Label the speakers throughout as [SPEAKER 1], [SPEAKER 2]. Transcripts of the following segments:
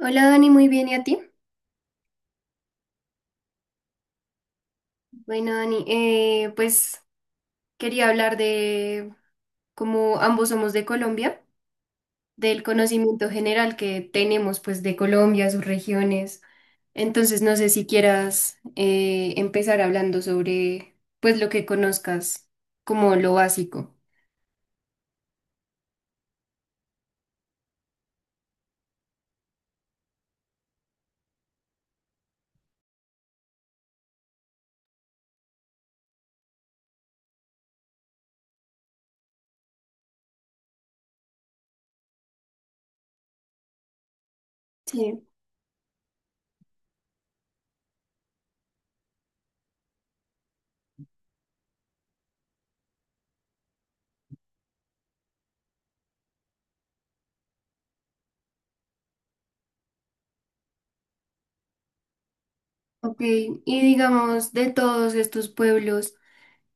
[SPEAKER 1] Hola Dani, muy bien, ¿y a ti? Bueno, Dani, pues quería hablar de cómo ambos somos de Colombia, del conocimiento general que tenemos pues de Colombia, sus regiones. Entonces, no sé si quieras empezar hablando sobre pues lo que conozcas como lo básico. Sí. Ok, y digamos de todos estos pueblos.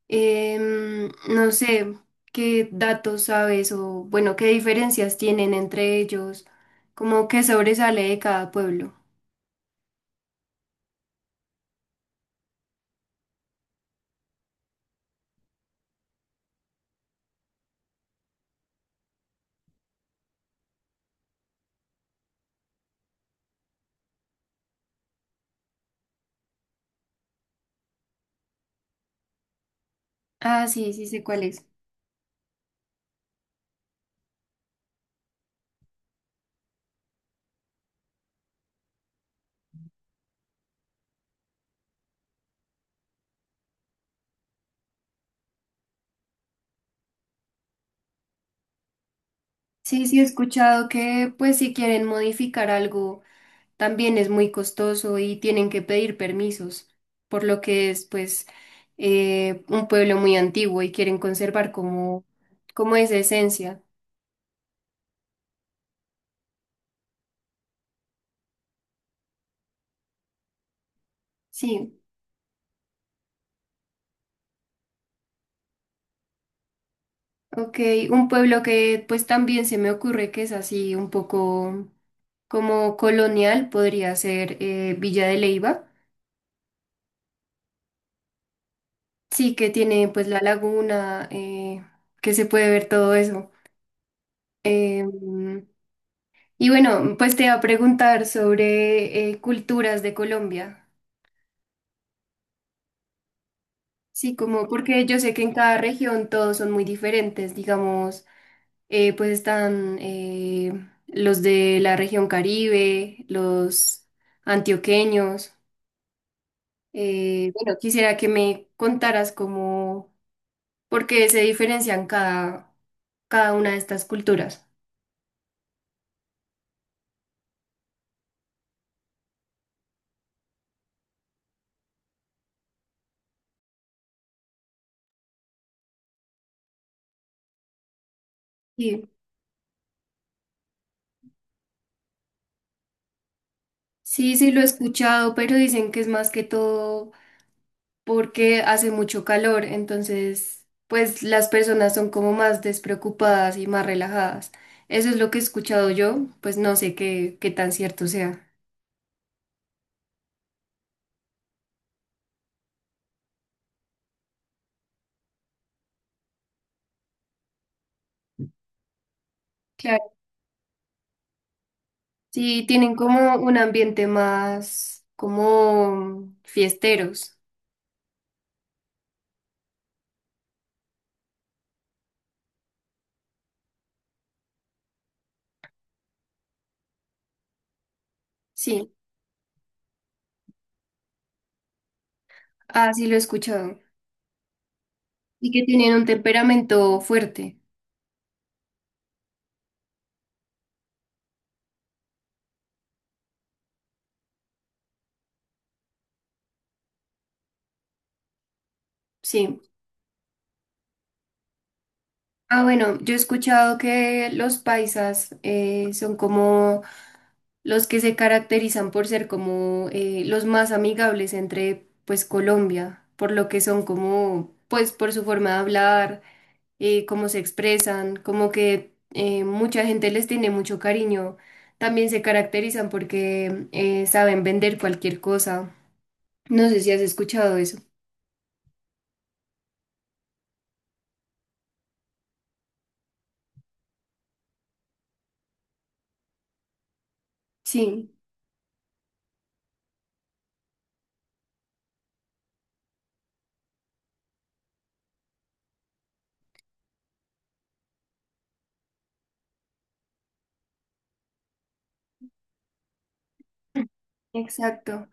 [SPEAKER 1] No sé qué datos sabes o, bueno, qué diferencias tienen entre ellos, como qué sobresale de cada pueblo. Ah, sí, sí sé cuál es. Sí, sí he escuchado que, pues, si quieren modificar algo, también es muy costoso y tienen que pedir permisos, por lo que es, pues, un pueblo muy antiguo y quieren conservar como, como esa esencia. Sí. Ok, un pueblo que pues también se me ocurre que es así un poco como colonial, podría ser Villa de Leyva. Sí, que tiene pues la laguna, que se puede ver todo eso. Eh, y bueno, pues te iba a preguntar sobre culturas de Colombia. Sí, como porque yo sé que en cada región todos son muy diferentes, digamos. Pues están los de la región Caribe, los antioqueños. Bueno, quisiera que me contaras cómo, por qué se diferencian cada, cada una de estas culturas. Sí, sí, sí lo he escuchado, pero dicen que es más que todo porque hace mucho calor, entonces pues las personas son como más despreocupadas y más relajadas. Eso es lo que he escuchado yo, pues no sé qué, qué tan cierto sea. Sí, tienen como un ambiente más como fiesteros. Sí, ah, sí lo he escuchado. Y que tienen un temperamento fuerte. Sí. Ah, bueno, yo he escuchado que los paisas son como los que se caracterizan por ser como los más amigables entre pues Colombia, por lo que son como pues por su forma de hablar, cómo se expresan, como que mucha gente les tiene mucho cariño. También se caracterizan porque saben vender cualquier cosa. No sé si has escuchado eso. Sí, exacto.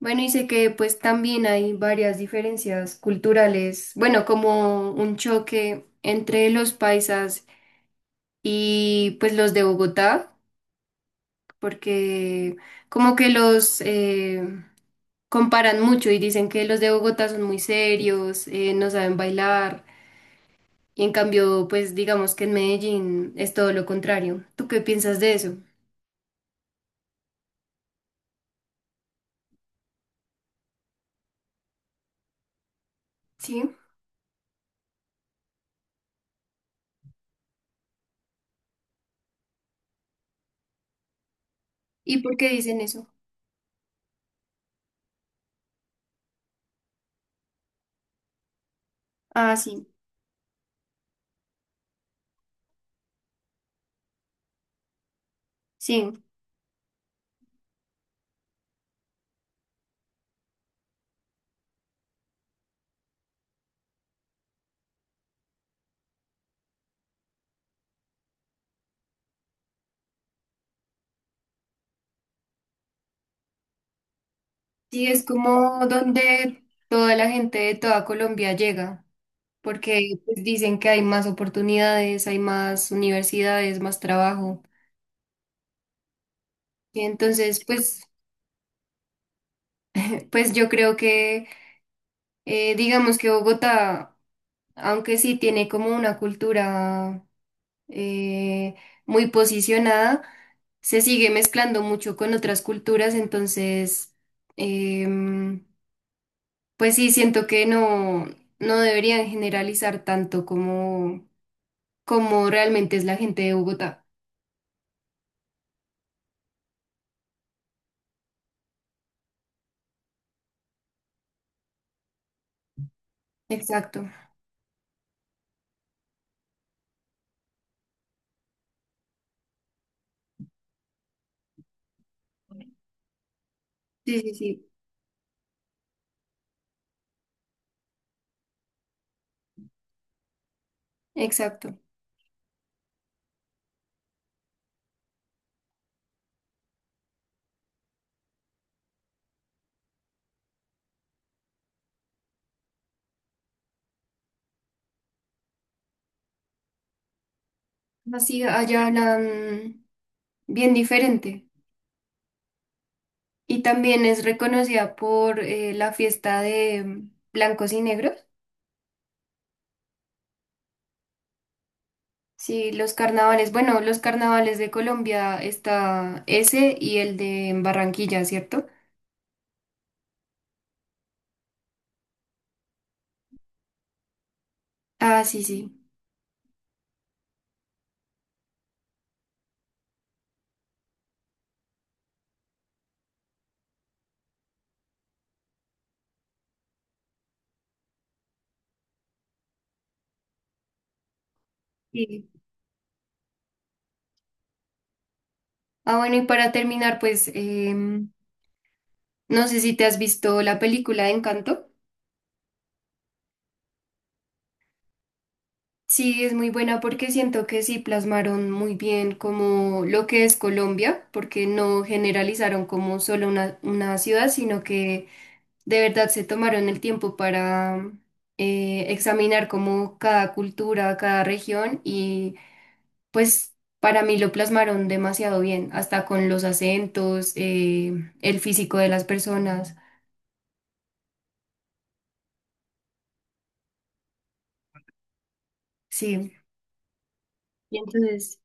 [SPEAKER 1] Bueno, y sé que pues también hay varias diferencias culturales, bueno, como un choque entre los paisas y pues los de Bogotá, porque como que los, comparan mucho y dicen que los de Bogotá son muy serios, no saben bailar, y en cambio, pues digamos que en Medellín es todo lo contrario. ¿Tú qué piensas de eso? Sí. ¿Y por qué dicen eso? Ah, sí, sí. Sí, es como donde toda la gente de toda Colombia llega, porque pues, dicen que hay más oportunidades, hay más universidades, más trabajo. Y entonces, pues, pues yo creo que digamos que Bogotá aunque sí tiene como una cultura eh, muy posicionada, se sigue mezclando mucho con otras culturas, entonces, em, pues sí, siento que no, no deberían generalizar tanto como, como realmente es la gente de Bogotá. Exacto. Sí, sí, sí, exacto. Así allá hablan bien diferente. Y también es reconocida por la fiesta de blancos y negros. Sí, los carnavales. Bueno, los carnavales de Colombia está ese y el de Barranquilla, ¿cierto? Ah, sí, sí. Sí. Ah, bueno, y para terminar, pues no sé si te has visto la película de Encanto. Sí, es muy buena porque siento que sí plasmaron muy bien como lo que es Colombia, porque no generalizaron como solo una ciudad, sino que de verdad se tomaron el tiempo para examinar como cada cultura, cada región y pues para mí lo plasmaron demasiado bien, hasta con los acentos, el físico de las personas, sí. Y entonces,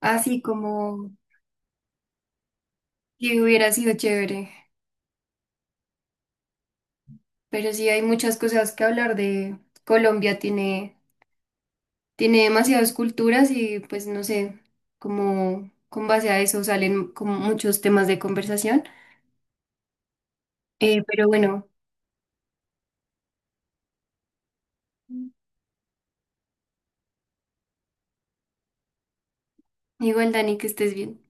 [SPEAKER 1] así como que hubiera sido chévere, pero sí hay muchas cosas que hablar de Colombia, tiene, tiene demasiadas culturas y pues no sé, como con base a eso salen como muchos temas de conversación. Pero bueno, igual Dani, que estés bien.